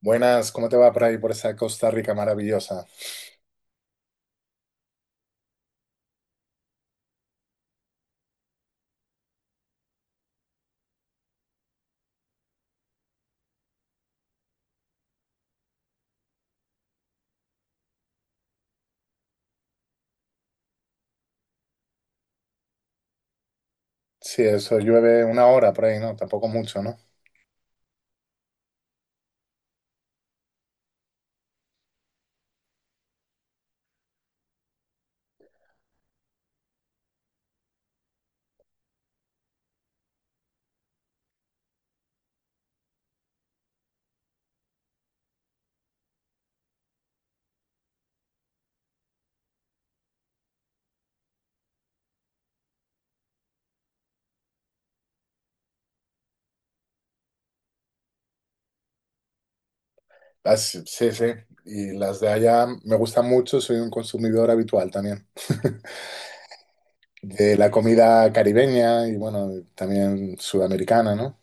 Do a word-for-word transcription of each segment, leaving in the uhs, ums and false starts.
Buenas, ¿cómo te va por ahí, por esa Costa Rica maravillosa? Sí, eso llueve una hora por ahí, ¿no? Tampoco mucho, ¿no? Ah, sí, sí, sí. Y las de allá me gustan mucho, soy un consumidor habitual también. De la comida caribeña y bueno, también sudamericana, ¿no?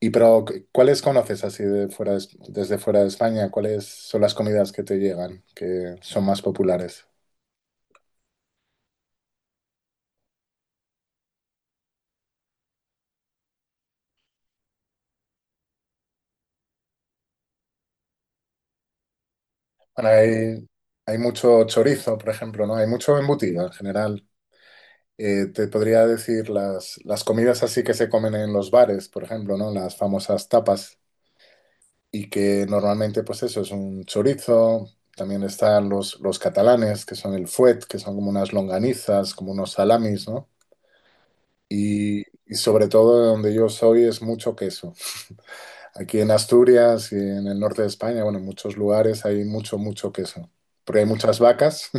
Y pero, ¿cuáles conoces así de fuera de- Es- desde fuera de España? ¿Cuáles son las comidas que te llegan, que son más populares? Bueno, hay, hay mucho chorizo, por ejemplo, ¿no? Hay mucho embutido en general. Eh, te podría decir las, las comidas así que se comen en los bares, por ejemplo, ¿no? Las famosas tapas y que normalmente pues eso es un chorizo, también están los, los catalanes que son el fuet, que son como unas longanizas, como unos salamis, ¿no? Y, y sobre todo de donde yo soy es mucho queso. Aquí en Asturias y en el norte de España, bueno, en muchos lugares hay mucho, mucho queso. Porque hay muchas vacas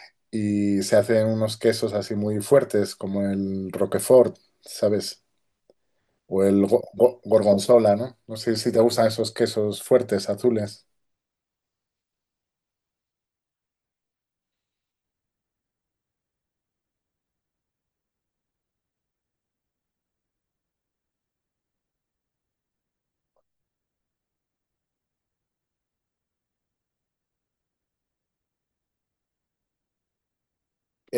y se hacen unos quesos así muy fuertes, como el Roquefort, ¿sabes? O el go- go- gorgonzola, ¿no? No sé si te gustan esos quesos fuertes, azules.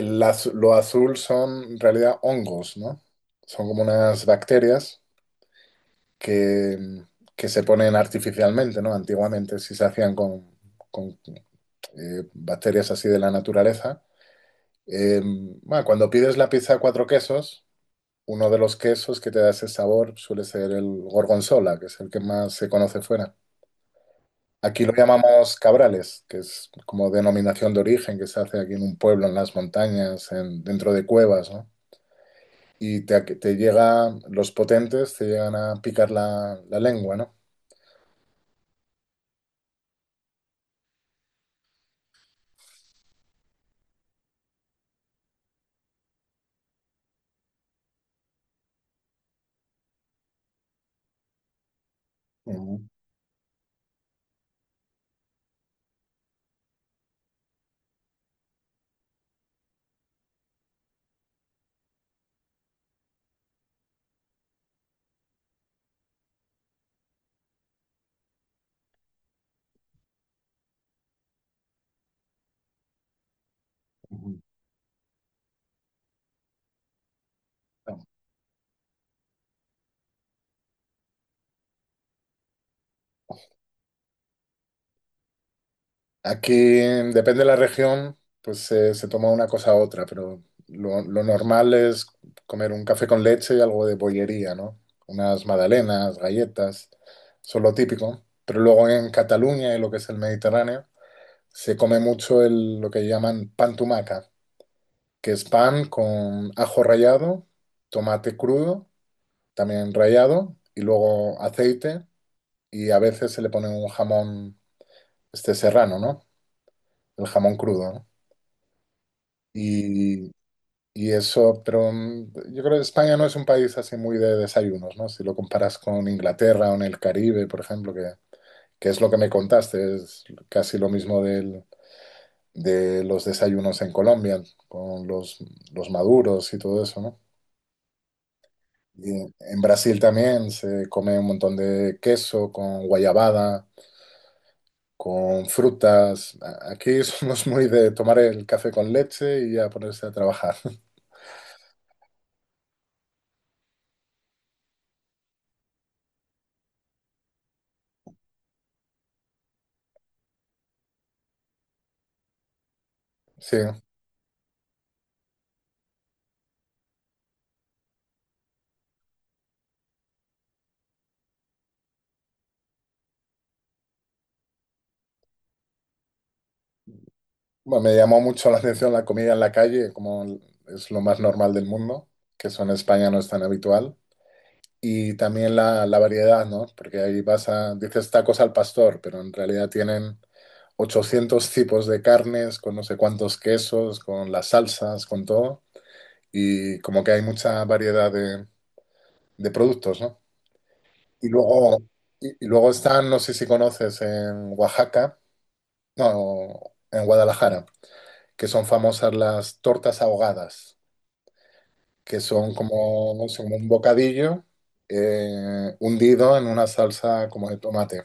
El az- lo azul son en realidad hongos, ¿no? Son como unas bacterias que, que se ponen artificialmente, ¿no? Antiguamente sí se hacían con, con, eh, bacterias así de la naturaleza. Eh, bueno, cuando pides la pizza a cuatro quesos, uno de los quesos que te da ese sabor suele ser el gorgonzola, que es el que más se conoce fuera. Aquí lo llamamos cabrales, que es como denominación de origen que se hace aquí en un pueblo, en las montañas, en- dentro de cuevas, ¿no? Y te, te llega, los potentes te llegan a picar la, la lengua, ¿no? Ujú, ujú. Aquí, depende de la región, pues se se toma una cosa u otra, pero lo, lo normal es comer un café con leche y algo de bollería, ¿no? Unas magdalenas, galletas, eso es lo típico. Pero luego en Cataluña y lo que es el Mediterráneo, se come mucho el, lo que llaman pan tumaca, que es pan con ajo rallado, tomate crudo, también rallado, y luego aceite, y a veces se le pone un jamón este serrano, ¿no? El jamón crudo, ¿no? Y, y eso, pero mm, yo creo que España no es un país así muy de desayunos, ¿no? Si lo comparas con Inglaterra o en el Caribe, por ejemplo, que, que es lo que me contaste, es casi lo mismo del de los desayunos en Colombia, con los, los maduros y todo eso, ¿no? Y en Brasil también se come un montón de queso con guayabada, con frutas. A- Aquí somos muy de tomar el café con leche y a ponerse a trabajar. Sí, bueno, me llamó mucho la atención la comida en la calle, como es lo más normal del mundo, que eso en España no es tan habitual. Y también la, la variedad, ¿no? Porque ahí vas a, dices tacos al pastor, pero en realidad tienen ochocientos tipos de carnes, con no sé cuántos quesos, con las salsas, con todo. Y como que hay mucha variedad de, de productos, ¿no? Y luego, y, y luego están, no sé si conoces, en Oaxaca, no, en Guadalajara, que son famosas las tortas ahogadas, que son como, no sé, como un bocadillo eh, hundido en una salsa como de tomate.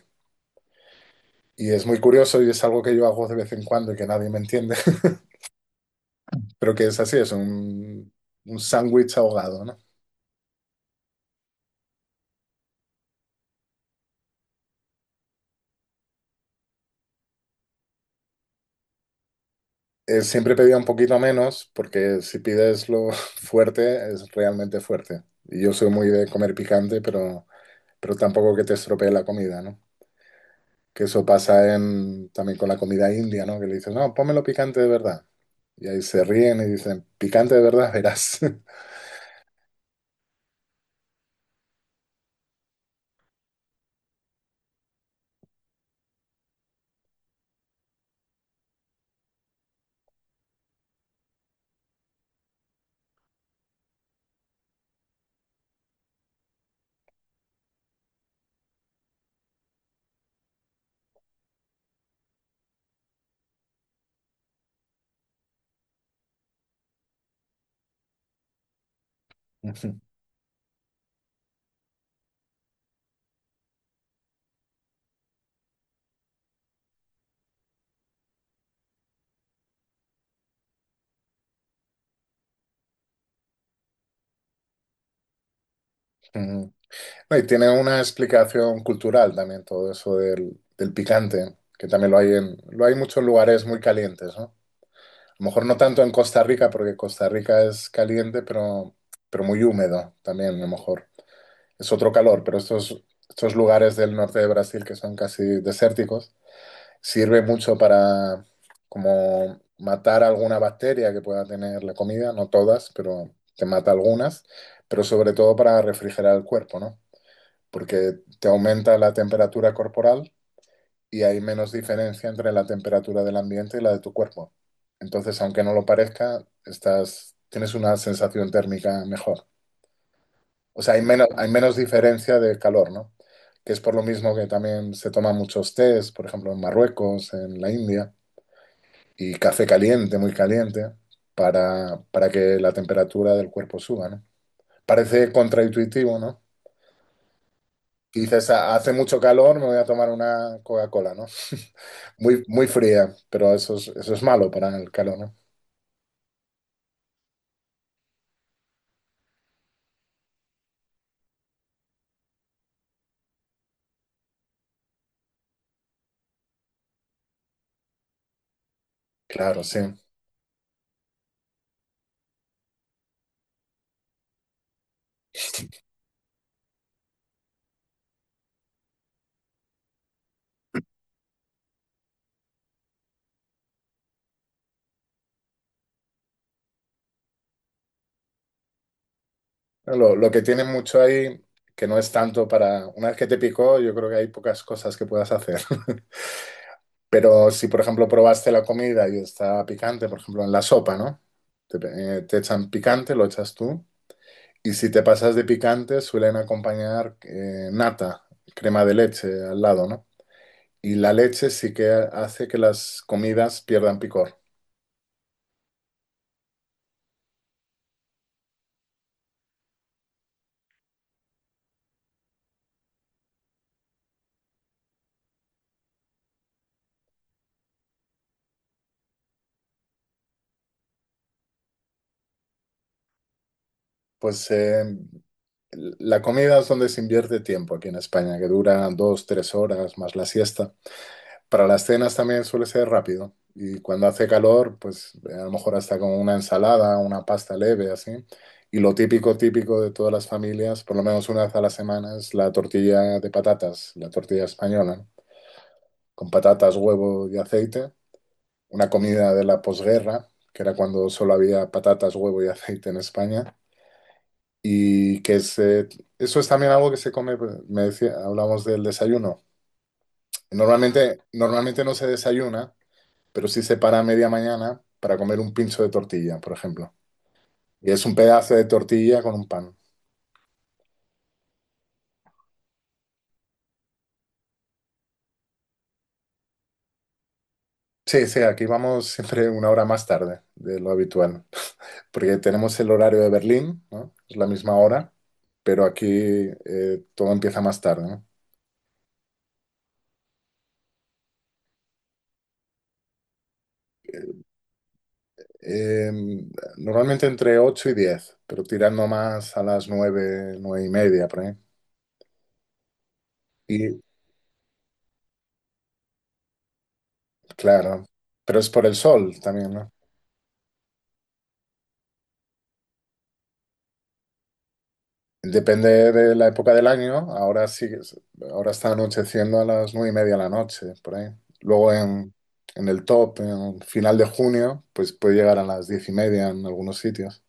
Y es muy curioso y es algo que yo hago de vez en cuando y que nadie me entiende. Pero que es así, es un, un sándwich ahogado, ¿no? Eh, siempre pedía un poquito menos porque si pides lo fuerte es realmente fuerte. Y yo soy muy de comer picante, pero, pero tampoco que te estropee la comida, ¿no? Que eso pasa en, también con la comida india, ¿no? Que le dices, no, pónmelo picante de verdad. Y ahí se ríen y dicen, picante de verdad, verás. Ujú. No, y tiene una explicación cultural también todo eso del, del picante, que también lo hay en, lo hay en muchos lugares muy calientes, ¿no? A lo mejor no tanto en Costa Rica, porque Costa Rica es caliente, pero, pero muy húmedo también, a lo mejor. Es otro calor, pero estos, estos lugares del norte de Brasil que son casi desérticos, sirve mucho para como matar alguna bacteria que pueda tener la comida, no todas, pero te mata algunas, pero sobre todo para refrigerar el cuerpo, ¿no? Porque te aumenta la temperatura corporal y hay menos diferencia entre la temperatura del ambiente y la de tu cuerpo. Entonces, aunque no lo parezca, estás, tienes una sensación térmica mejor. O sea, hay menos, hay menos diferencia de calor, ¿no? Que es por lo mismo que también se toman muchos tés, por ejemplo, en Marruecos, en la India, y café caliente, muy caliente, para, para que la temperatura del cuerpo suba, ¿no? Parece contraintuitivo, ¿no? Y dices, "Ah, hace mucho calor, me voy a tomar una Coca-Cola, ¿no? Muy, muy fría, pero eso es, eso es malo para el calor, ¿no? Claro, sí. Lo, lo que tiene mucho ahí, que no es tanto para... Una vez que te picó, yo creo que hay pocas cosas que puedas hacer. Pero si, por ejemplo, probaste la comida y está picante, por ejemplo, en la sopa, ¿no? Te, eh, te echan picante, lo echas tú. Y si te pasas de picante, suelen acompañar eh, nata, crema de leche al lado, ¿no? Y la leche sí que hace que las comidas pierdan picor. Pues eh, la comida es donde se invierte tiempo aquí en España, que dura dos, tres horas más la siesta. Para las cenas también suele ser rápido y cuando hace calor, pues eh, a lo mejor hasta con una ensalada, una pasta leve, así. Y lo típico, típico de todas las familias, por lo menos una vez a la semana, es la tortilla de patatas, la tortilla española, ¿no? Con patatas, huevo y aceite. Una comida de la posguerra, que era cuando solo había patatas, huevo y aceite en España y que se, eso es también algo que se come, pues, me decía, hablamos del desayuno. Normalmente, normalmente no se desayuna, pero sí se para a media mañana para comer un pincho de tortilla, por ejemplo. Y es un pedazo de tortilla con un pan. Sí, sí, aquí vamos siempre una hora más tarde de lo habitual, porque tenemos el horario de Berlín, ¿no? Es la misma hora, pero aquí eh, todo empieza más tarde, ¿no? Eh, Normalmente entre ocho y diez pero tirando más a las nueve, nueve y media, por ahí. Y claro, pero es por el sol también, ¿no? Depende de la época del año. Ahora sí, que es- ahora está anocheciendo a las nueve y media de la noche, por ahí. Luego en, en el top, en final de junio, pues puede llegar a las diez y media en algunos sitios.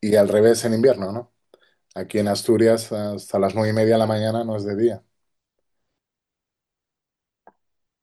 Y al revés en invierno, ¿no? Aquí en Asturias hasta las nueve y media de la mañana no es de día.